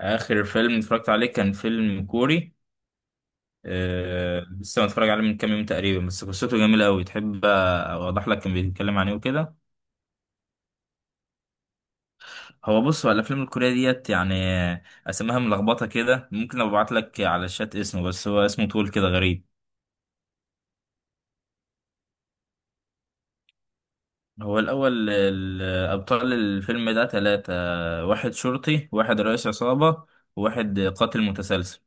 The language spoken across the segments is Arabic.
آخر فيلم اتفرجت عليه كان فيلم كوري. لسه متفرج عليه من كام يوم تقريبا، بس قصته جميلة أوي. تحب أوضح لك كان بيتكلم عن إيه وكده؟ هو بص، هو الأفلام الكورية ديت يعني أسماها ملخبطة كده. ممكن أبعت لك على الشات اسمه، بس هو اسمه طول كده غريب. هو الأول أبطال الفيلم ده تلاتة. واحد شرطي، واحد رئيس عصابة، وواحد قاتل متسلسل.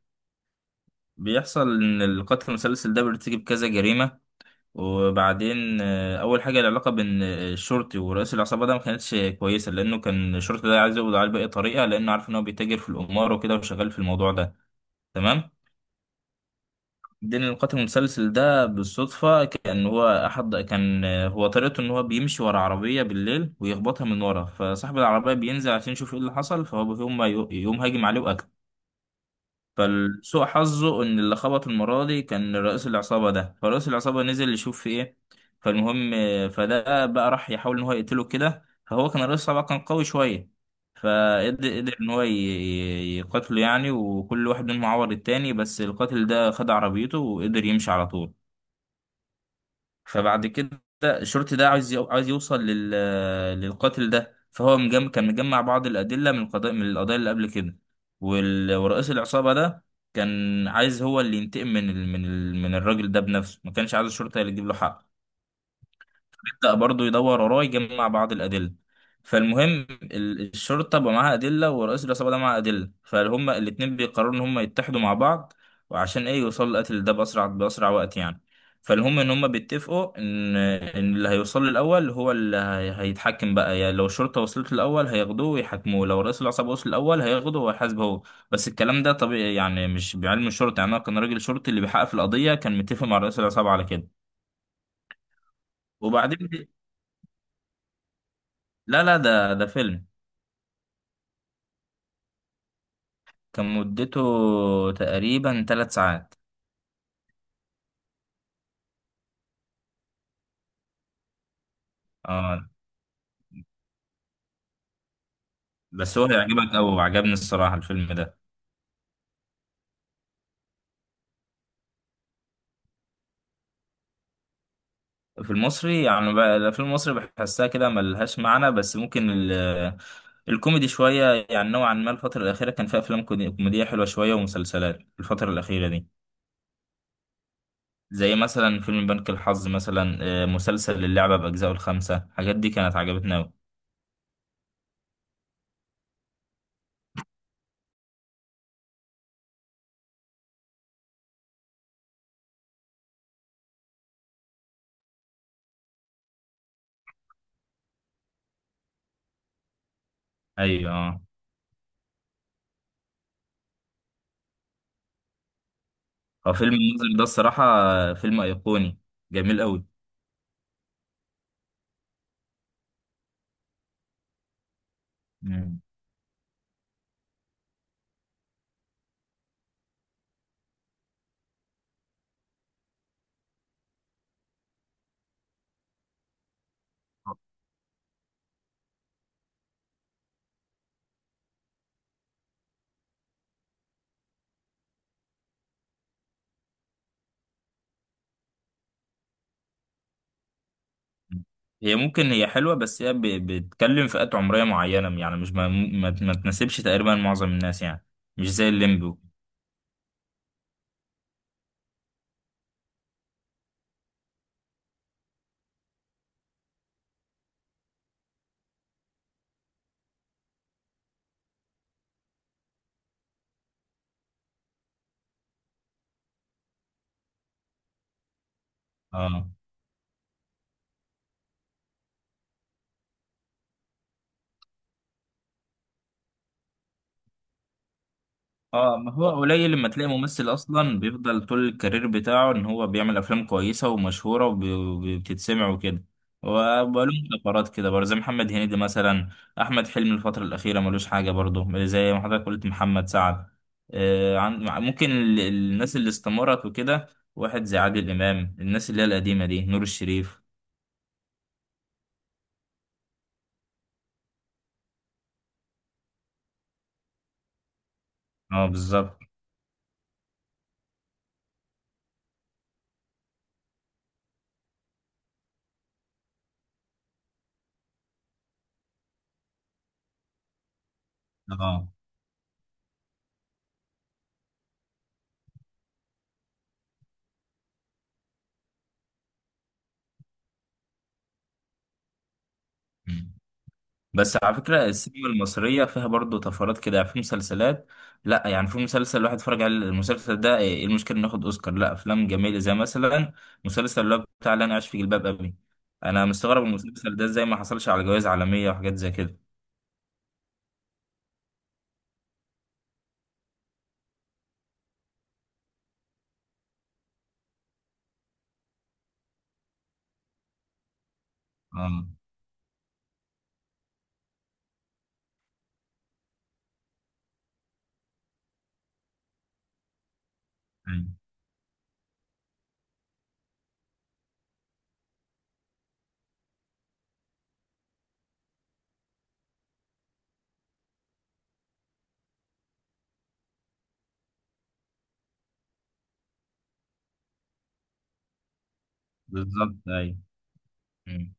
بيحصل إن القاتل المتسلسل ده بيرتكب كذا جريمة. وبعدين اول حاجه العلاقه بين الشرطي ورئيس العصابه ده ما كانتش كويسه، لانه كان الشرطي ده عايز يقبض عليه باي طريقه، لانه عارف ان هو بيتاجر في القمار وكده وشغال في الموضوع ده. تمام. بعدين القاتل المتسلسل ده بالصدفه كان هو احد كان آه، هو طريقته ان هو بيمشي ورا عربيه بالليل ويخبطها من ورا، فصاحب العربيه بينزل عشان يشوف ايه اللي حصل، فهو يقوم هاجم عليه وقتله. فالسوء حظه ان اللي خبط المره دي كان رئيس العصابه ده، فرئيس العصابه نزل يشوف في ايه. فالمهم، فده بقى راح يحاول ان هو يقتله كده، فهو كان رئيس العصابه كان قوي شويه. فقدر ان هو يقتله يعني، وكل واحد منهم عور التاني، بس القاتل ده خد عربيته وقدر يمشي على طول. فبعد كده الشرطي ده عايز يوصل للقاتل ده، فهو كان مجمع بعض الأدلة من القضايا اللي قبل كده. ورئيس العصابة ده كان عايز هو اللي ينتقم من الراجل ده بنفسه، ما كانش عايز الشرطة اللي تجيب له حق. بدأ برضه يدور وراه يجمع بعض الأدلة. فالمهم الشرطة بقى معاها أدلة، ورئيس العصابة ده معاه أدلة، فهم الاتنين بيقرروا إن هم يتحدوا مع بعض، وعشان إيه يوصلوا للقتل ده بأسرع وقت يعني. فالهم إن هم بيتفقوا إن اللي هيوصل له الأول هو اللي هيتحكم بقى يعني. لو الشرطة وصلت له الأول هياخدوه ويحاكموه، لو رئيس العصابة وصل الأول هياخده وهيحاسبه هو. بس الكلام ده طبيعي يعني، مش بعلم الشرطة يعني. أنا كان راجل شرطي اللي بيحقق في القضية كان متفق مع رئيس العصابة على كده. وبعدين. لا، لا، ده فيلم. كان مدته تقريبا 3 ساعات. اه، بس هو هيعجبك أوي وعجبني الصراحة الفيلم ده. في المصري يعني بقى الأفلام المصري بحسها كده ملهاش معنى، بس ممكن الكوميدي شوية يعني. نوعا ما الفترة الأخيرة كان فيها أفلام كوميدية حلوة شوية، ومسلسلات الفترة الأخيرة دي. زي مثلا فيلم بنك الحظ مثلا، مسلسل اللعبة بأجزائه الخمسة. الحاجات دي كانت عجبتنا أوي. أيوة، اه. هو فيلم الناظر ده الصراحة فيلم أيقوني جميل أوي. هي ممكن هي حلوة، بس هي بتتكلم فئات عمرية معينة يعني، مش ما تناسبش تقريبا معظم الناس يعني، مش زي الليمبو. اه. اه، ما هو قليل لما تلاقي ممثل اصلا بيفضل طول الكارير بتاعه ان هو بيعمل افلام كويسه ومشهوره وبتتسمع وكده. وبقاله فترات كده برضه زي محمد هنيدي مثلا. احمد حلمي الفتره الاخيره ملوش حاجه برضه، زي ما حضرتك قلت محمد سعد. ممكن الناس اللي استمرت وكده. واحد زي عادل امام، الناس اللي هي القديمه دي، نور الشريف. اه، بالظبط. اه، بس على فكرة السينما المصرية فيها برضه طفرات كده يعني في مسلسلات. لا يعني، في مسلسل الواحد اتفرج على المسلسل ده ايه، إيه المشكلة انه ياخد اوسكار؟ لا، افلام جميلة زي مثلا مسلسل اللي هو بتاع اللي انا عايش في جلباب ابي. انا مستغرب من المسلسل ده ازاي ما حصلش على جوائز عالمية وحاجات زي كده. اه، ايوه، بالظبط، ايوه. مم.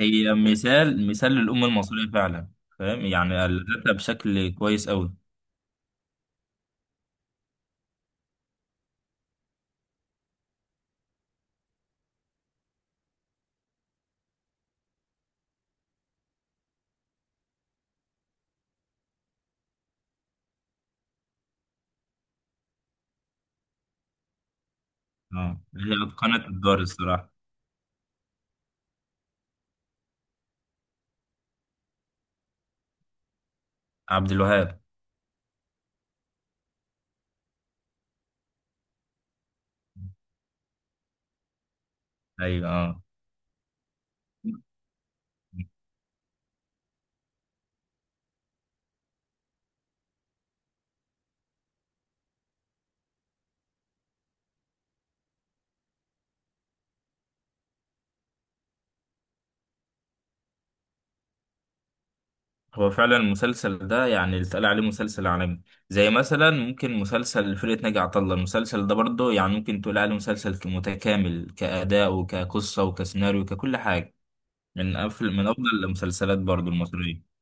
هي مثال مثال للأمة المصرية فعلا. فاهم يعني، قالتها بشكل كويس قوي. اه، هي اتقنت الدور الصراحة. عبد الوهاب. ايوه، اه. هو فعلا المسلسل ده يعني اللي اتقال عليه مسلسل عالمي. زي مثلا ممكن مسلسل فرقة ناجي عطا الله، المسلسل ده برضه يعني ممكن تقول عليه مسلسل متكامل كأداء وكقصة وكسيناريو ككل حاجة. من أفضل المسلسلات برضه المصرية.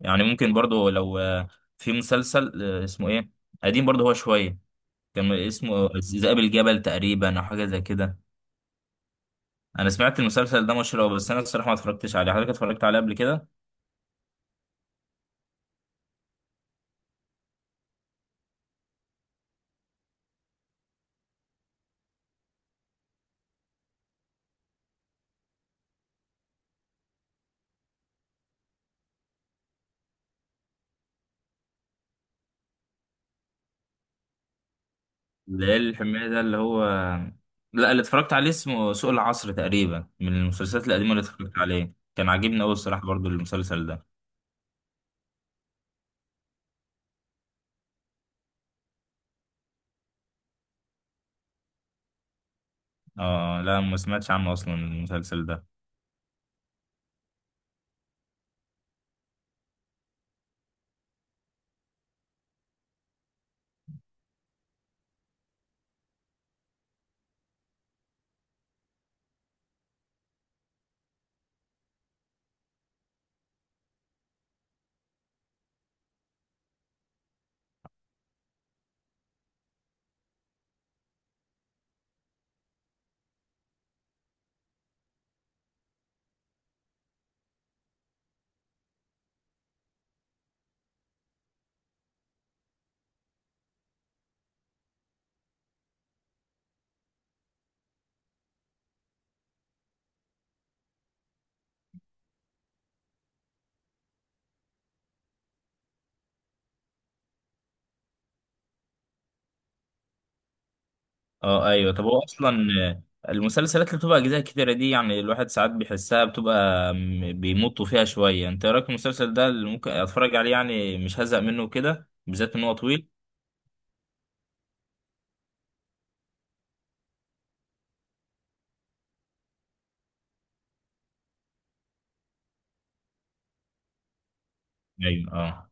يعني ممكن برضه لو في مسلسل اسمه إيه، قديم برضه هو شوية. كان اسمه ذئاب الجبل تقريبا، أو حاجة زي كده. أنا سمعت المسلسل ده مشهور أوي، بس أنا الصراحة ما اتفرجتش عليه. حضرتك اتفرجت عليه قبل كده؟ ده إيه الحمية ده اللي هو؟ لا، اللي اتفرجت عليه اسمه سوق العصر تقريبا. من المسلسلات القديمة اللي اتفرجت عليه، كان عاجبني أوي الصراحة برضو المسلسل ده. اه، لا، ما سمعتش عنه أصلا المسلسل ده. اه، أيوه. طب هو أصلا المسلسلات اللي بتبقى أجزاء كتيرة دي يعني، الواحد ساعات بيحسها بتبقى بيمطوا فيها شوية. أنت إيه رأيك في المسلسل ده اللي ممكن أتفرج عليه، يعني مش هزهق منه كده بالذات إن هو طويل؟ أيوه، اه،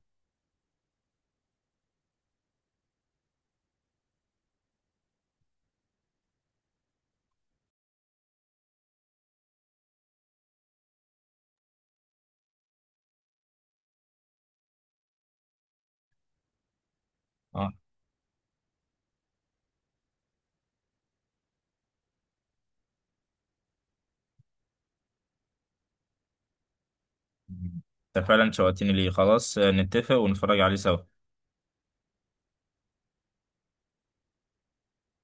اه. أنت فعلا شوقتني ليه، خلاص نتفق ونتفرج عليه سوا.